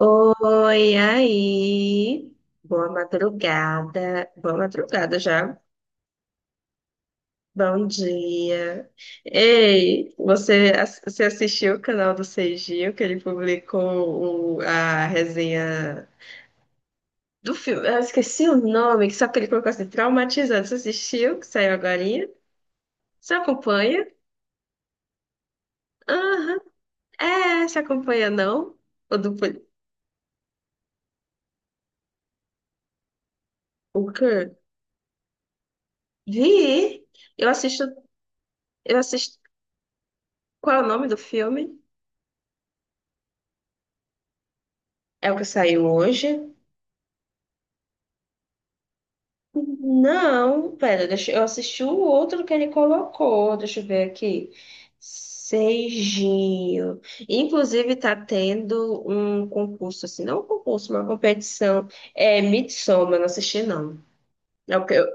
Oi, aí. Boa madrugada. Boa madrugada já. Bom dia. Ei, você, você assistiu o canal do Seijinho que ele publicou a resenha do filme? Ah, eu esqueci o nome, que só que ele colocou assim, traumatizando. Você assistiu, que saiu agorinha? Você acompanha? Aham. É, você acompanha, não? O do... poli- O quê? Vi. Eu assisto... Eu assisto. Qual é o nome do filme? É o que saiu hoje? Não, pera, deixa, eu assisti o outro que ele colocou, deixa eu ver aqui. Seijinho. Inclusive, tá tendo um concurso, assim, não um concurso, uma competição. É Midsommar, eu não assisti, não. É o que eu-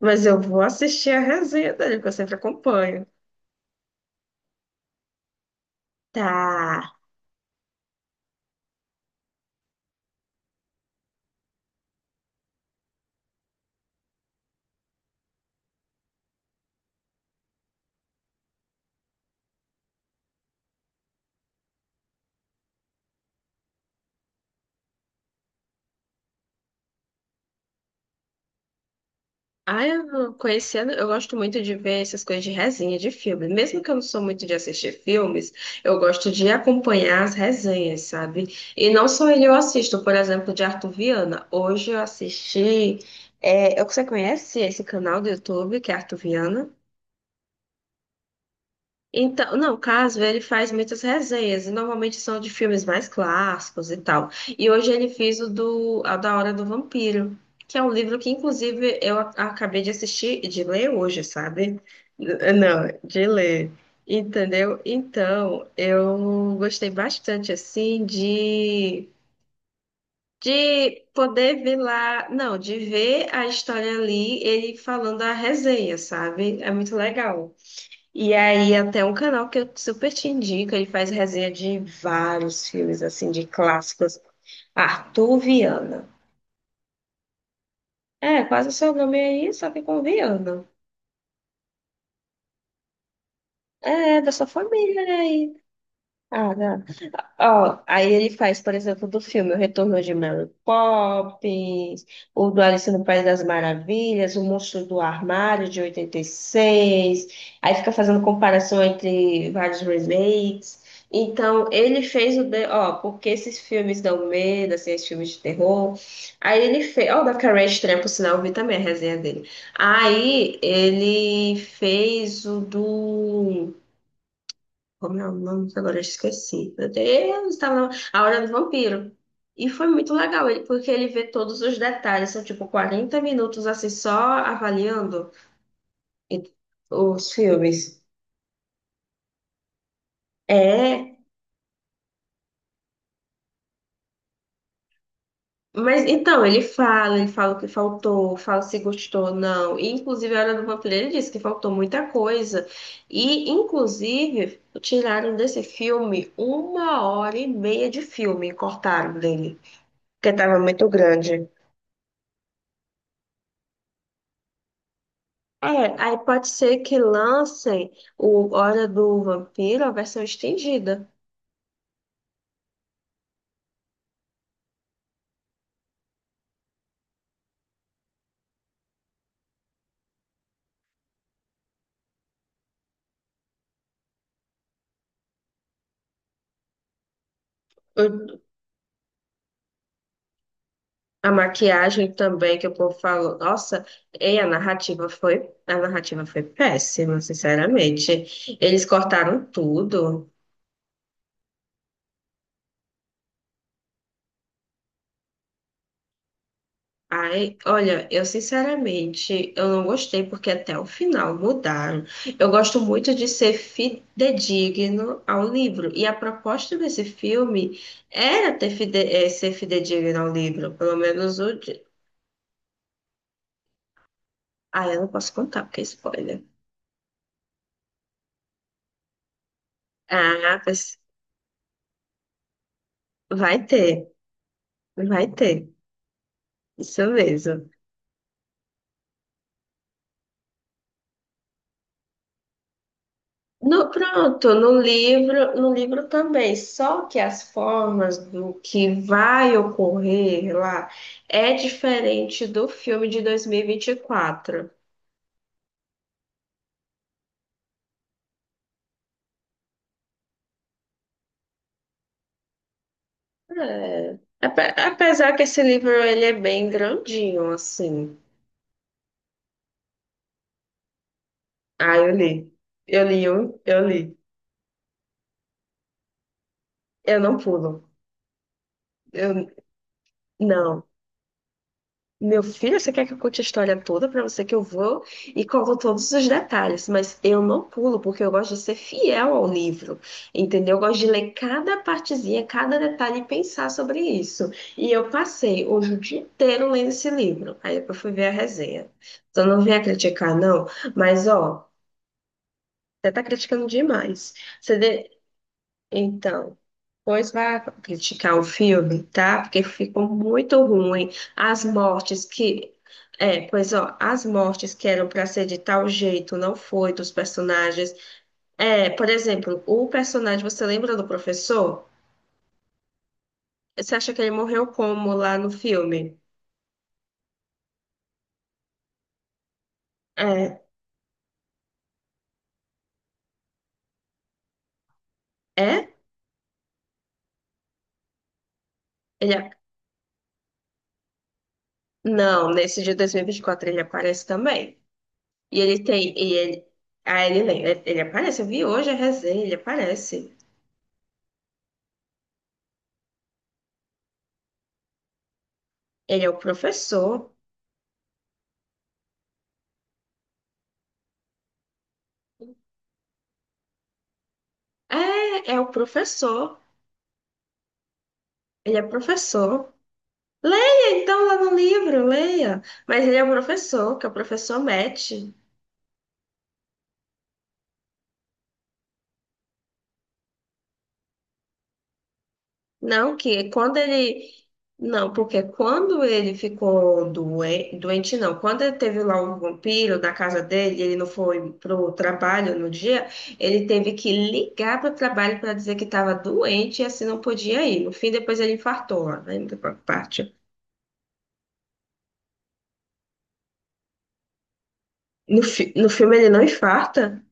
mas eu vou assistir a resenha dele, porque eu sempre acompanho. Tá. Ah, eu conhecendo, eu gosto muito de ver essas coisas de resenha de filme. Mesmo que eu não sou muito de assistir filmes, eu gosto de acompanhar as resenhas, sabe? E não só ele eu assisto, por exemplo, de Arthur Viana. Hoje eu assisti. É, você conhece esse canal do YouTube, que é Arthur Viana? Então, não, o Casper, ele faz muitas resenhas, e normalmente são de filmes mais clássicos e tal. E hoje ele fez o do a da Hora do Vampiro, que é um livro que, inclusive, acabei de assistir, de ler hoje, sabe? Não, de ler, entendeu? Então, eu gostei bastante, assim, de, poder ver lá, não, de ver a história ali, ele falando a resenha, sabe? É muito legal. E aí, até um canal que eu super te indico, ele faz resenha de vários filmes, assim, de clássicos. Arthur Viana. É, quase o seu nome aí, só que com Viana. É, da sua família, né? Aí. Ah, ó, aí ele faz, por exemplo, do filme O Retorno de Mary Poppins, o do Alice no País das Maravilhas, O Monstro do Armário de 86. Aí fica fazendo comparação entre vários remakes. Então, ele fez ó, porque esses filmes dão medo, assim, esses filmes de terror. Aí ele fez. Ó, o da Carrie Estranha, por sinal, eu vi também a resenha dele. Aí ele fez o do. Como é o nome? Agora eu esqueci. Meu Deus, A Hora do Vampiro. E foi muito legal, porque ele vê todos os detalhes. São tipo 40 minutos assim, só avaliando e- os filmes. É, mas então, ele fala, o que faltou, fala se gostou, ou não. E, inclusive, a Hora do Vampiro, ele disse que faltou muita coisa. E, inclusive, tiraram desse filme uma hora e meia de filme, cortaram dele, porque estava muito grande. É, aí pode ser que lancem o Hora do Vampiro, a versão estendida. O- A maquiagem também que o povo falou, nossa, e a narrativa foi péssima, sinceramente. Eles cortaram tudo. Ai, olha, eu sinceramente, eu não gostei porque até o final mudaram. Eu gosto muito de ser fidedigno ao livro. E a proposta desse filme era ter ser fidedigno ao livro. Pelo menos o. de- Ah, eu não posso contar porque é spoiler. Ah, mas vai ter, vai ter. Isso mesmo. No, pronto, no livro também, só que as formas do que vai ocorrer lá é diferente do filme de dois mil e vinte e quatro. É, apesar que esse livro ele é bem grandinho, assim. Ah, eu li. Eu li, eu li. Eu não pulo. Eu, não. Meu filho, você quer que eu conte a história toda pra você que eu vou e conto todos os detalhes, mas eu não pulo porque eu gosto de ser fiel ao livro, entendeu? Eu gosto de ler cada partezinha, cada detalhe e pensar sobre isso. E eu passei hoje o dia inteiro lendo esse livro. Aí depois fui ver a resenha. Então não venha criticar, não, mas ó, você tá criticando demais. Você, de- então, pois vai criticar o filme, tá? Porque ficou muito ruim. As mortes que. É, pois ó, as mortes que eram para ser de tal jeito não foi dos personagens. É, por exemplo, o personagem, você lembra do professor? Você acha que ele morreu como lá no filme? É, é? Ele, a- não, nesse dia de 2024 ele aparece também. E ele tem, e ele, ah, ele, lembra, ele aparece, eu vi hoje a resenha, ele aparece. Ele é o professor. É, é o professor. Ele é professor. Leia então lá no livro, leia. Mas ele é o professor, que é o professor Matt. Não, que quando ele. Não, porque quando ele ficou doente, doente não, quando ele teve lá o vampiro na casa dele, ele não foi pro trabalho no dia, ele teve que ligar pro trabalho para dizer que estava doente e assim não podia ir. No fim, depois ele infartou lá, né, na parte. No filme ele não infarta.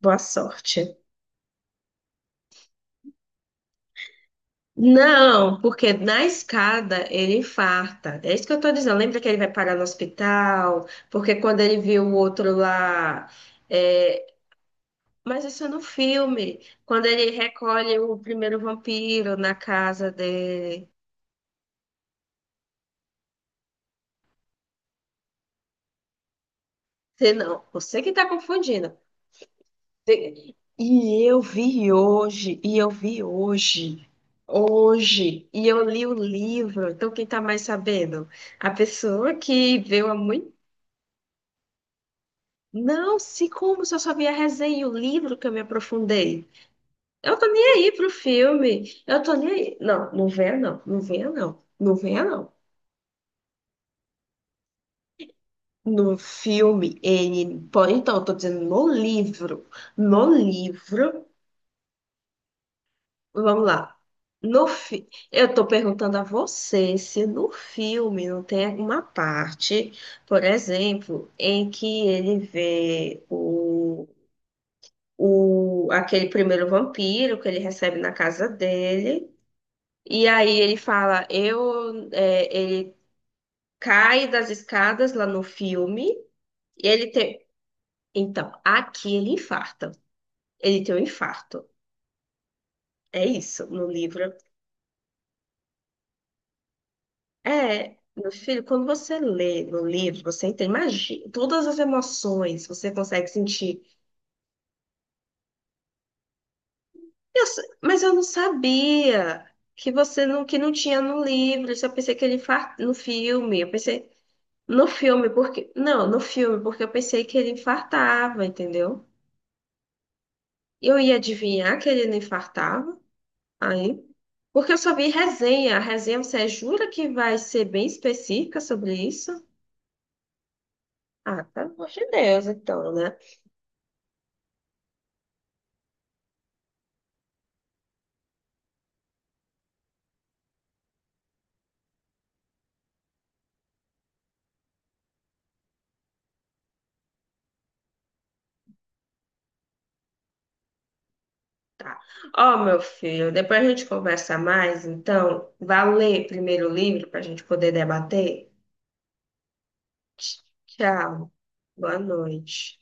Boa sorte. Não, porque na escada ele infarta. É isso que eu tô dizendo. Lembra que ele vai parar no hospital? Porque quando ele viu o outro lá. É, mas isso é no filme. Quando ele recolhe o primeiro vampiro na casa dele. Você não, você que tá confundindo. E eu vi hoje, hoje, e eu li o livro. Então, quem tá mais sabendo? A pessoa que veio há muito. Não, se como se eu só vi a resenha e o livro que eu me aprofundei. Eu tô nem aí pro filme. Eu tô nem aí. Não, não venha não. Não venha não. Não venha não. No filme, ele. Pô, então, eu tô dizendo no livro. No livro. Vamos lá. No fi... Eu tô perguntando a você se no filme não tem alguma parte, por exemplo, em que ele vê o, aquele primeiro vampiro que ele recebe na casa dele. E aí ele fala, ele cai das escadas lá no filme. E ele tem. Então, aqui ele infarta. Ele tem um infarto. É isso, no livro. É, meu filho, quando você lê no livro, você entende, imagina, todas as emoções você consegue sentir. Mas eu não sabia que você não, que não tinha no livro. Eu só pensei que ele infarta no filme. Eu pensei. No filme, porque. Não, no filme, porque eu pensei que ele infartava, entendeu? E eu ia adivinhar que ele não infartava, aí. Porque eu só vi resenha. A resenha, você jura que vai ser bem específica sobre isso? Ah, pelo amor de Deus, então, né? Tá. Ó, meu filho, depois a gente conversa mais, então. Vá ler primeiro o livro para a gente poder debater. Tch- Tchau. Boa noite.